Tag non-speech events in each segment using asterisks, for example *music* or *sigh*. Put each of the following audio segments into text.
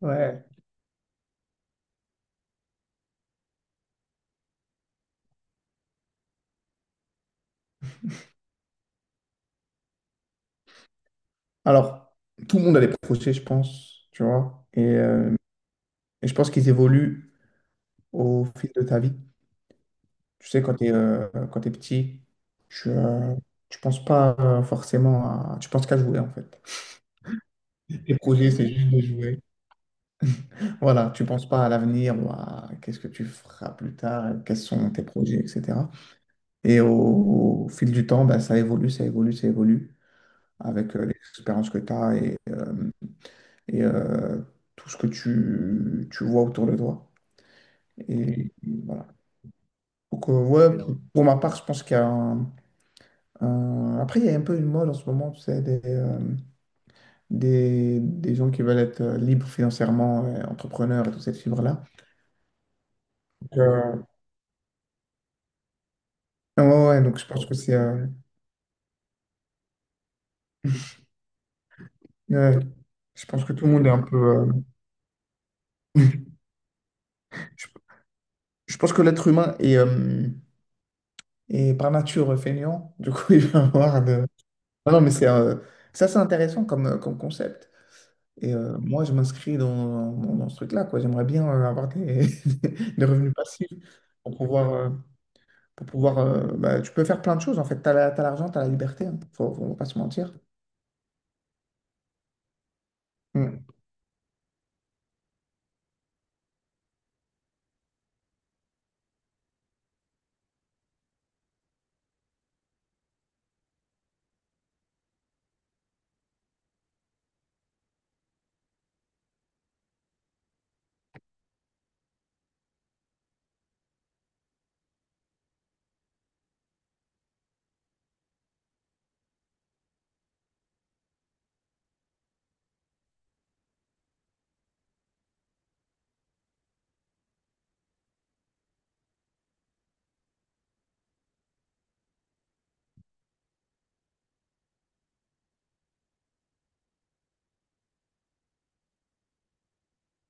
Ouais. Alors, tout le monde a des projets, je pense, tu vois. Et je pense qu'ils évoluent au fil de ta vie. Tu sais, quand tu es, Quand t'es petit, tu ne penses pas forcément à... Tu penses qu'à jouer, en fait. Tes projets, c'est juste de jouer. Voilà, tu penses pas à l'avenir ou à qu'est-ce que tu feras plus tard, quels sont tes projets, etc. Et au fil du temps, bah, ça évolue, ça évolue, ça évolue avec l'expérience que tu as et tout ce que tu vois autour de toi. Et, voilà. Donc, ouais, Mais pour, non. pour ma part, je pense qu'il y a un peu une mode en ce moment, c'est des gens qui veulent être libres financièrement, entrepreneurs et toute cette fibre-là. Donc, euh, ouais, donc je pense que ouais, je pense que tout le monde est un peu... euh, *laughs* je, je pense que l'être humain est par nature feignant. Du coup, *laughs* il va avoir de... Non, non, mais c'est... ça, C'est intéressant comme concept. Moi, je m'inscris dans ce truc-là, quoi. J'aimerais bien avoir des, *laughs* des revenus passifs pour pour pouvoir bah, tu peux faire plein de choses, en fait. T'as l'argent, tu as la liberté, hein. Faut pas se mentir. Mm.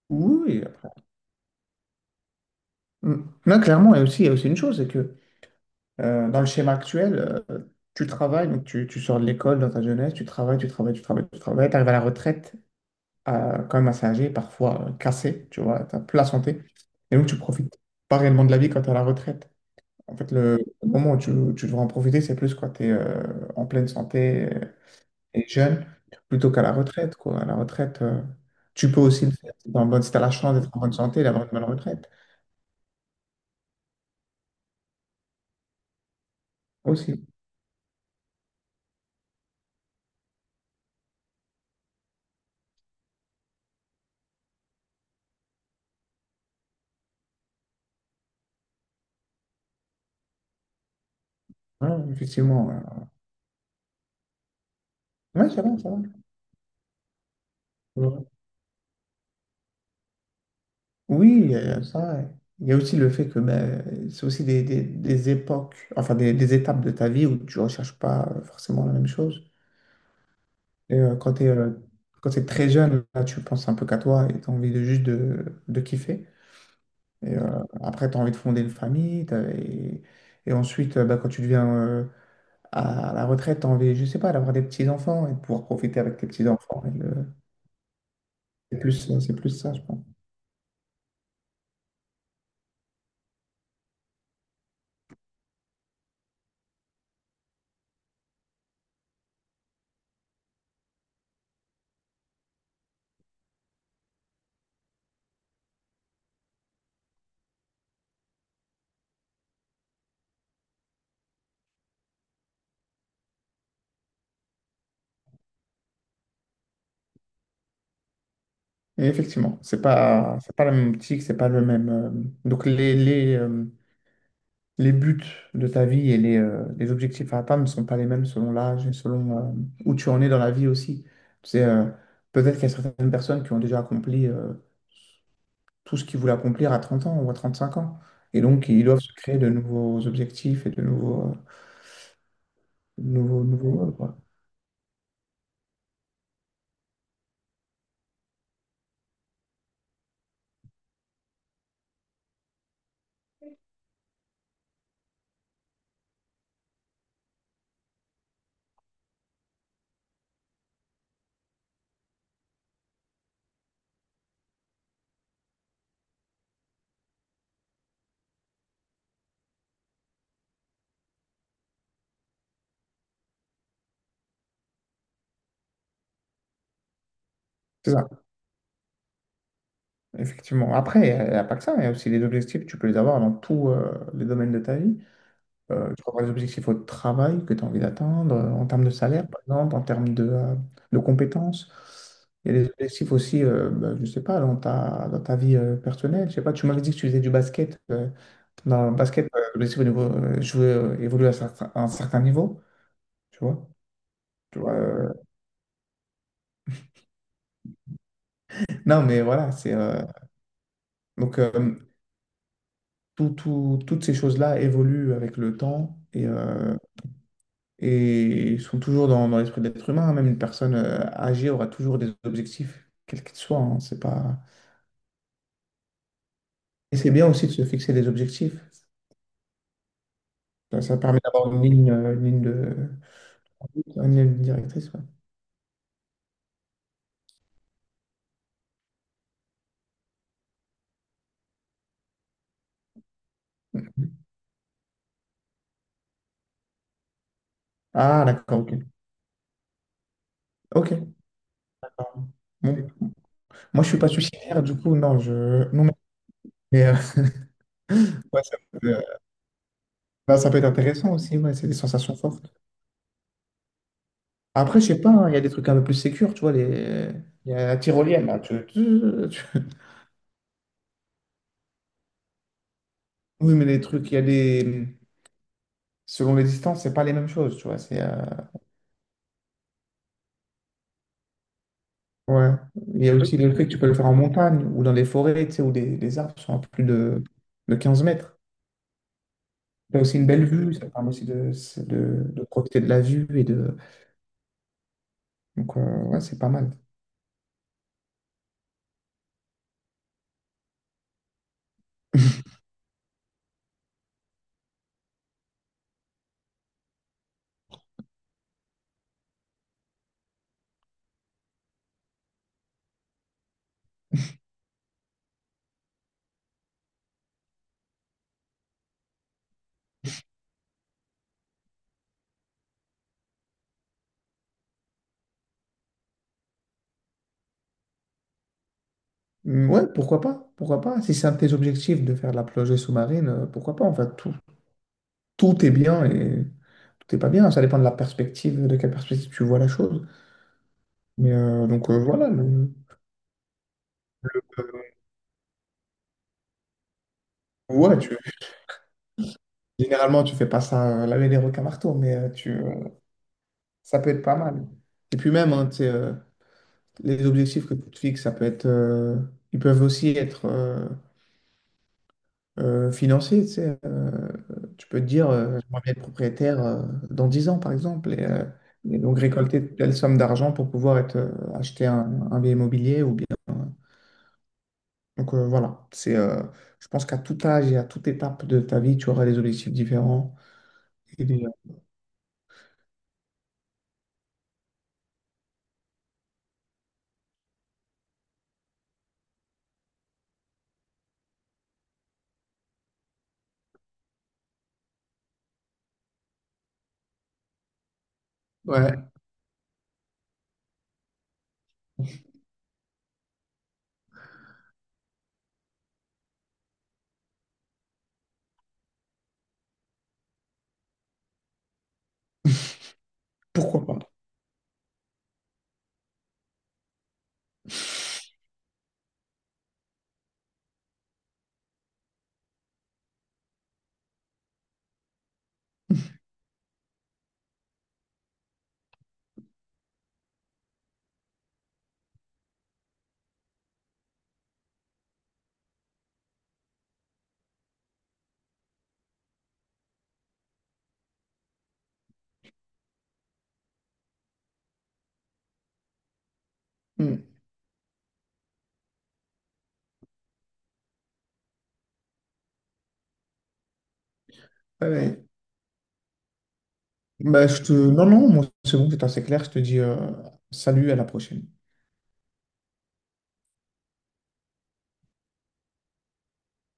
Oui, oui, après. Mm. Non, clairement, et aussi, il y a aussi une chose, c'est que dans le schéma actuel, tu travailles, donc tu sors de l'école dans ta jeunesse, tu travailles, tu travailles, tu travailles, tu travailles, tu arrives à la retraite, à quand même assez âgé, parfois cassé, tu vois, tu plus la santé. Et donc, tu profites pas réellement de la vie quand tu es à la retraite. En fait, le moment où tu devras en profiter, c'est plus quand tu es en pleine santé et jeune, plutôt qu'à la retraite, quoi. À la retraite, tu peux aussi le faire si t'es en bonne, si t'as la chance d'être en bonne santé et d'avoir une bonne retraite aussi. Ouais, effectivement. Oui, ça va, ça va. Ouais. Oui, il y a ça, ouais. Il y a aussi le fait que ben, c'est aussi des, des époques, enfin des étapes de ta vie où tu ne recherches pas forcément la même chose. Et euh, quand tu es, Quand t'es très jeune, là, tu penses un peu qu'à toi et tu as envie de juste de kiffer. Après, tu as envie de fonder une famille. Et ensuite, bah, quand tu deviens à la retraite, tu as envie, je sais pas, d'avoir des petits-enfants et de pouvoir profiter avec tes petits-enfants. Et le- c'est plus ça, je pense. Et effectivement, c'est pas la même optique, c'est pas le même. Donc, les, les, euh, les buts de ta vie et les objectifs à atteindre ne sont pas les mêmes selon l'âge et selon où tu en es dans la vie aussi. Tu sais, euh, Peut-être qu'il y a certaines personnes qui ont déjà accompli, tout ce qu'ils voulait accomplir à 30 ans ou à 35 ans. Et donc, ils doivent se créer de nouveaux objectifs et de nouveaux goals, quoi. C'est ça, effectivement. Après, il n'y a pas que ça, il y a aussi les objectifs, tu peux les avoir dans tous les domaines de ta vie. Tu peux avoir des objectifs au travail que tu as envie d'atteindre, en termes de salaire, par exemple, en termes de compétences. Il y a des objectifs aussi, bah, je ne sais pas, dans dans ta vie personnelle. Je sais pas, tu m'avais dit que tu faisais du basket. Dans le basket, l'objectif au niveau, jouer, évoluer à, certain- à un certain niveau. Tu vois? Tu vois, euh, Non, mais voilà, c'est donc tout- tout- toutes ces choses-là évoluent avec le temps et sont toujours dans, dans l'esprit de l'être humain, hein. Même une personne âgée aura toujours des objectifs, quels qu'ils soient, hein. C'est pas... Et c'est bien aussi de se fixer des objectifs. Ça permet d'avoir une ligne de... une ligne directrice, ouais. Ah, d'accord, ok. Ok. Bon. Moi, je suis pas suicidaire, du coup, non, je... non mais mais, euh, *laughs* ouais, bah, ça peut être intéressant aussi, ouais, c'est des sensations fortes. Après, je sais pas, hein, il y a des trucs un peu plus sécures, tu vois, les... il y a la tyrolienne, là, tu- *laughs* Oui, mais les trucs, il y a des... Selon les distances, c'est pas les mêmes choses, tu vois, ouais. Il y a aussi le fait que tu peux le faire en montagne ou dans les forêts, tu sais, où des, les arbres sont à plus de 15 mètres. Tu as aussi une belle vue, ça te permet aussi de, c'est de profiter de la vue et de... Ouais, c'est pas mal. *laughs* Ouais, pourquoi pas? Pourquoi pas? Si c'est un de tes objectifs de faire de la plongée sous-marine, pourquoi pas? En fait, tout, tout est bien et. Tout est pas bien. Ça dépend de la perspective, de quelle perspective tu vois la chose. Voilà, euh, ouais, tu, généralement tu fais pas ça laver les requins marteaux, ça peut être pas mal. Et puis même, hein, tu sais, les objectifs que tu te fixes, ça peut être, ils peuvent aussi être financiers. Tu sais, tu peux te dire, j'aimerais bien être propriétaire dans 10 ans, par exemple, et donc récolter telle somme d'argent pour pouvoir être, acheter un bien immobilier ou voilà, je pense qu'à tout âge et à toute étape de ta vie, tu auras des objectifs différents. Et des- ouais, pourquoi pas. Hmm. Ouais, ouais. Bah, je te... Non, non, moi, c'est bon, c'est assez clair. Je te dis salut, à la prochaine.